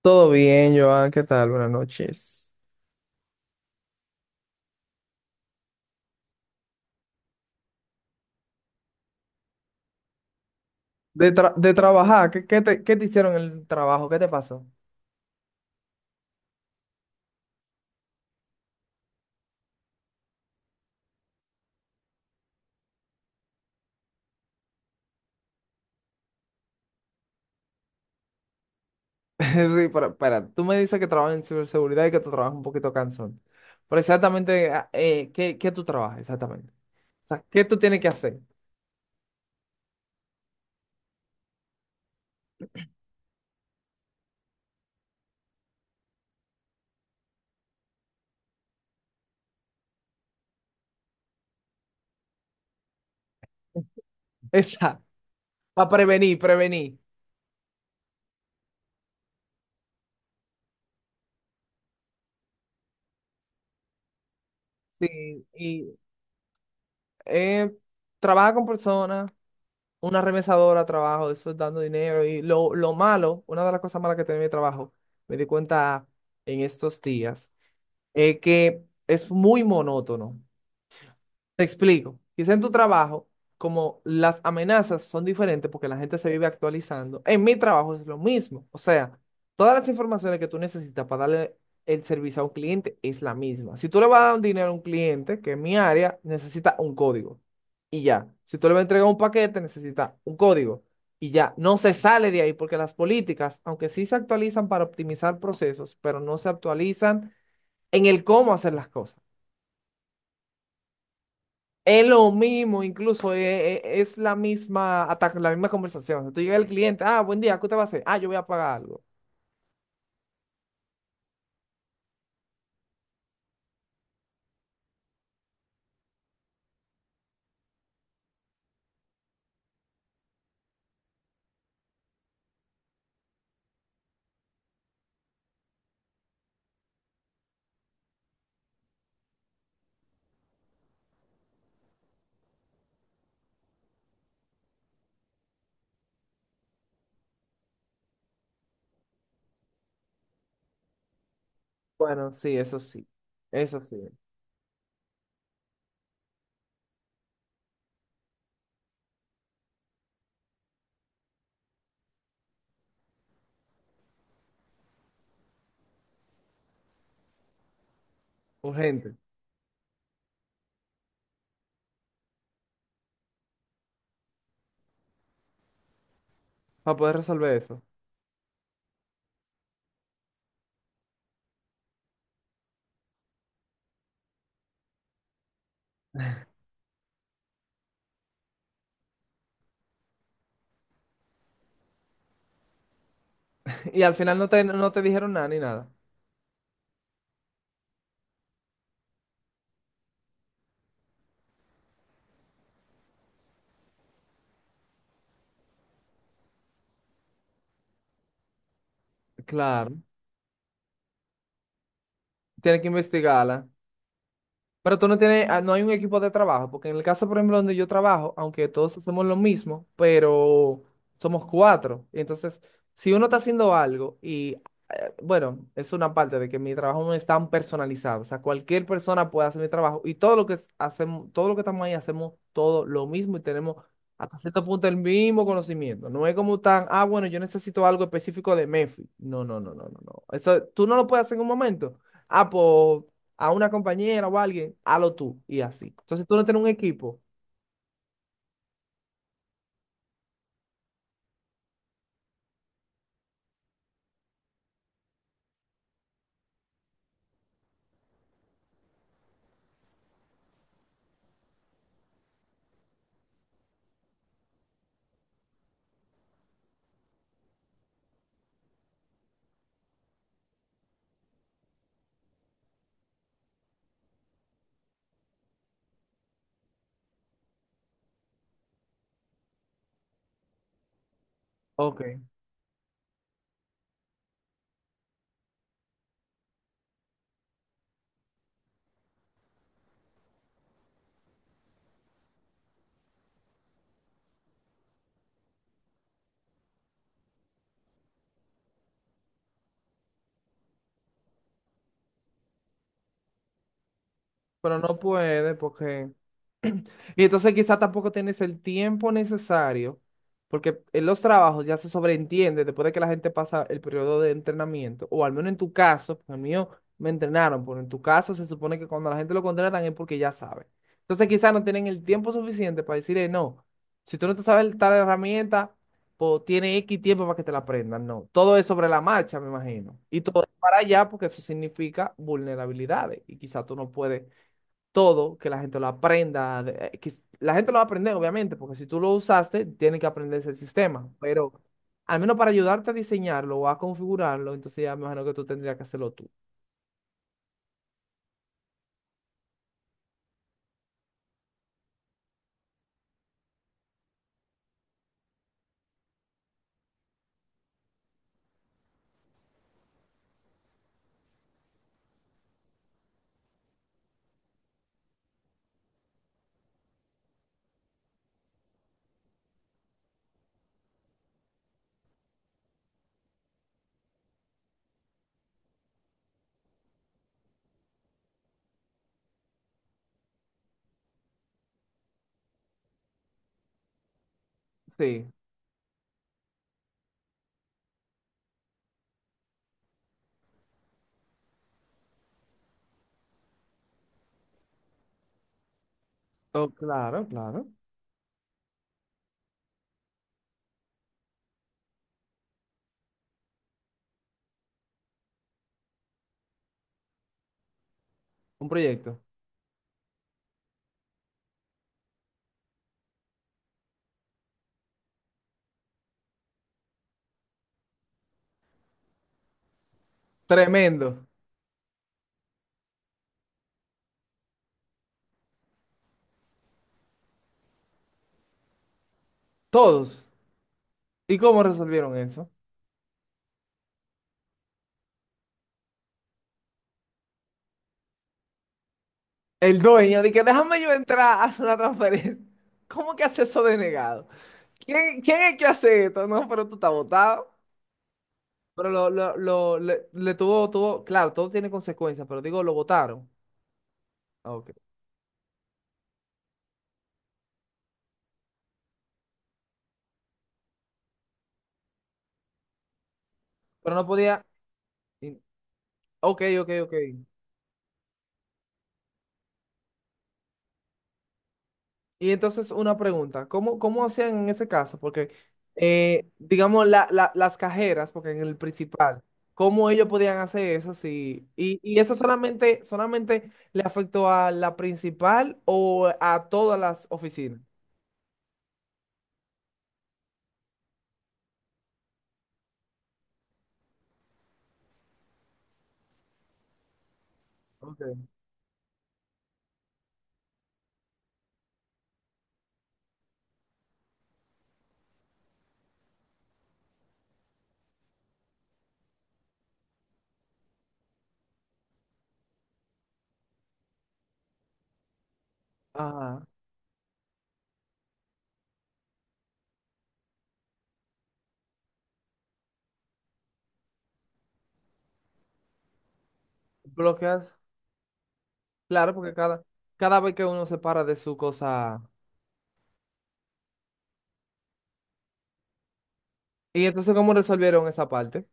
Todo bien, Joan, ¿qué tal? Buenas noches. De trabajar, ¿qué te hicieron en el trabajo? ¿Qué te pasó? Sí, pero espera, tú me dices que trabajas en ciberseguridad y que tu trabajo es un poquito cansón. Pero exactamente, ¿qué tú trabajas exactamente? O sea, ¿qué tú tienes que hacer? Exacto, para prevenir. Sí, y eh, trabaja con personas, una remesadora, trabajo, eso es dando dinero. Y lo malo, una de las cosas malas que tiene mi trabajo, me di cuenta en estos días es que es muy monótono. Te explico. Quizá en tu trabajo, como las amenazas son diferentes porque la gente se vive actualizando, en mi trabajo es lo mismo. O sea, todas las informaciones que tú necesitas para darle el servicio a un cliente es la misma. Si tú le vas a dar un dinero a un cliente, que en mi área necesita un código y ya. Si tú le vas a entregar un paquete, necesita un código y ya. No se sale de ahí porque las políticas, aunque sí se actualizan para optimizar procesos, pero no se actualizan en el cómo hacer las cosas. Es lo mismo, incluso es, la misma, hasta la misma conversación. O sea, tú llegas al cliente, ah, buen día, ¿qué te va a hacer? Ah, yo voy a pagar algo. Bueno, sí, eso sí, eso sí, urgente, para poder resolver eso. Y al final no te dijeron nada ni nada. Claro, tienes que investigarla. Pero tú no tienes, ah, ¿no hay un equipo de trabajo? Porque en el caso, por ejemplo, donde yo trabajo, aunque todos hacemos lo mismo, pero somos cuatro. Y entonces, si uno está haciendo algo y, bueno, es una parte de que mi trabajo no es tan personalizado. O sea, cualquier persona puede hacer mi trabajo y todo lo hacemos, todo lo que estamos ahí hacemos todo lo mismo y tenemos hasta cierto punto el mismo conocimiento. No es como tan, ah, bueno, yo necesito algo específico de MEFI. No, no, no, no, no, no. Eso tú no lo puedes hacer en un momento. Ah, pues a una compañera o a alguien, hazlo tú y así. Entonces tú no tienes un equipo. Ok. Pero no puedes porque... Y entonces quizá tampoco tienes el tiempo necesario, porque en los trabajos ya se sobreentiende después de que la gente pasa el periodo de entrenamiento, o al menos en tu caso. Porque en el mío me entrenaron, pero en tu caso se supone que cuando la gente lo contratan es porque ya sabe. Entonces quizá no tienen el tiempo suficiente para decir, no, si tú no te sabes tal herramienta, pues tiene X tiempo para que te la aprendan. No, todo es sobre la marcha, me imagino. Y todo es para allá porque eso significa vulnerabilidades y quizá tú no puedes todo, que la gente lo aprenda, la gente lo va a aprender, obviamente, porque si tú lo usaste, tiene que aprenderse el sistema. Pero al menos para ayudarte a diseñarlo o a configurarlo, entonces ya me imagino que tú tendrías que hacerlo tú. Sí, oh, claro. Un proyecto. Tremendo. Todos. ¿Y cómo resolvieron eso? El dueño, de que déjame yo entrar a hacer una transferencia. ¿Cómo que hace eso denegado? ¿Quién es que hace esto? No, pero tú estás botado. Pero le tuvo, tuvo, claro, todo tiene consecuencias, pero digo, lo votaron. Ah, ok. Pero no podía. Y... ok, ok, ok. Y entonces una pregunta, ¿cómo hacían en ese caso? Porque, digamos, las cajeras, porque en el principal, ¿cómo ellos podían hacer eso? Sí. Y eso solamente, solamente le afectó a la principal o a todas las oficinas. Ok. Ajá. Bloqueas, claro, porque cada vez que uno se para de su cosa. ¿Y entonces cómo resolvieron esa parte?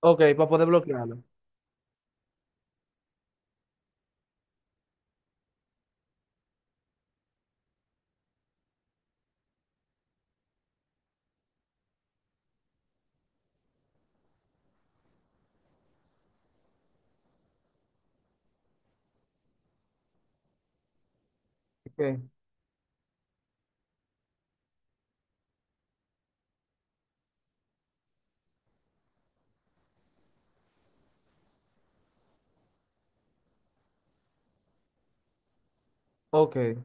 Ok, para poder bloquearlo. Ok, ok,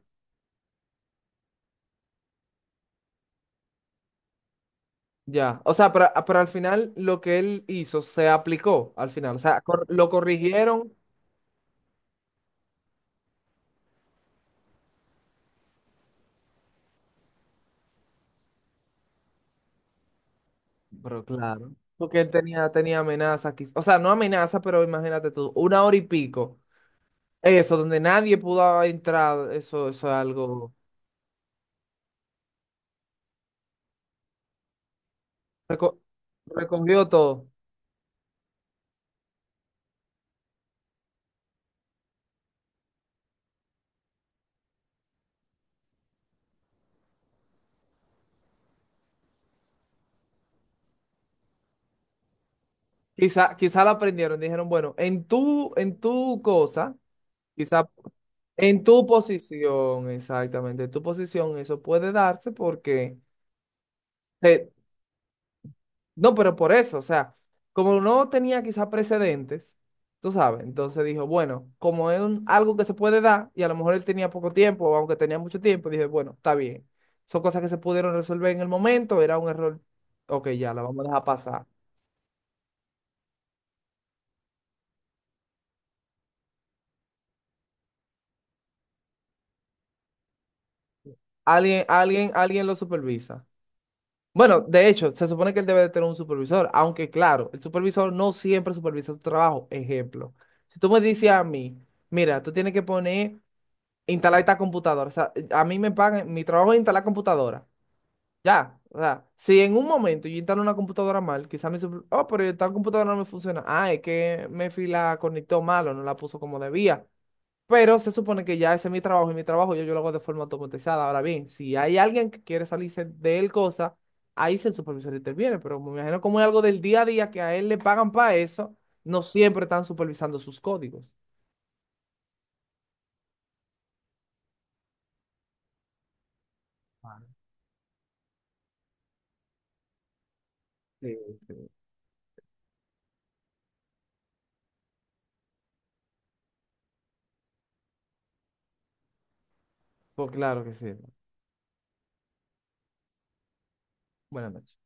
ya. O sea, pero, ah, pero al final lo que él hizo se aplicó al final. O sea, lo corrigieron, pero claro. Porque él tenía, tenía amenaza aquí. O sea, no amenaza, pero imagínate tú, una hora y pico. Eso, donde nadie pudo entrar, eso es algo. reco- Recogió todo. Quizá la aprendieron, dijeron, bueno, en tu cosa. En tu posición, exactamente, en tu posición eso puede darse porque, eh, no, pero por eso, o sea, como no tenía quizá precedentes, tú sabes. Entonces dijo, bueno, como es algo que se puede dar y a lo mejor él tenía poco tiempo, o aunque tenía mucho tiempo, dije, bueno, está bien, son cosas que se pudieron resolver en el momento, era un error, ok, ya, la vamos a dejar pasar. Alguien lo supervisa. Bueno, de hecho, se supone que él debe de tener un supervisor, aunque claro, el supervisor no siempre supervisa tu trabajo. Ejemplo, si tú me dices a mí, mira, tú tienes que instalar esta computadora. O sea, a mí me pagan, mi trabajo es instalar computadora, ya. O sea, si en un momento yo instalo una computadora mal, quizá oh, pero tal computadora no me funciona, ah, es que me la conectó mal o no la puso como debía, pero se supone que ya ese es mi trabajo y mi trabajo yo lo hago de forma automatizada. Ahora bien, si hay alguien que quiere salirse de él cosa, ahí sí el supervisor interviene. Pero me imagino como es algo del día a día que a él le pagan para eso, no siempre están supervisando sus códigos. Ah, sí, sí. Pues claro que sí. Buenas noches.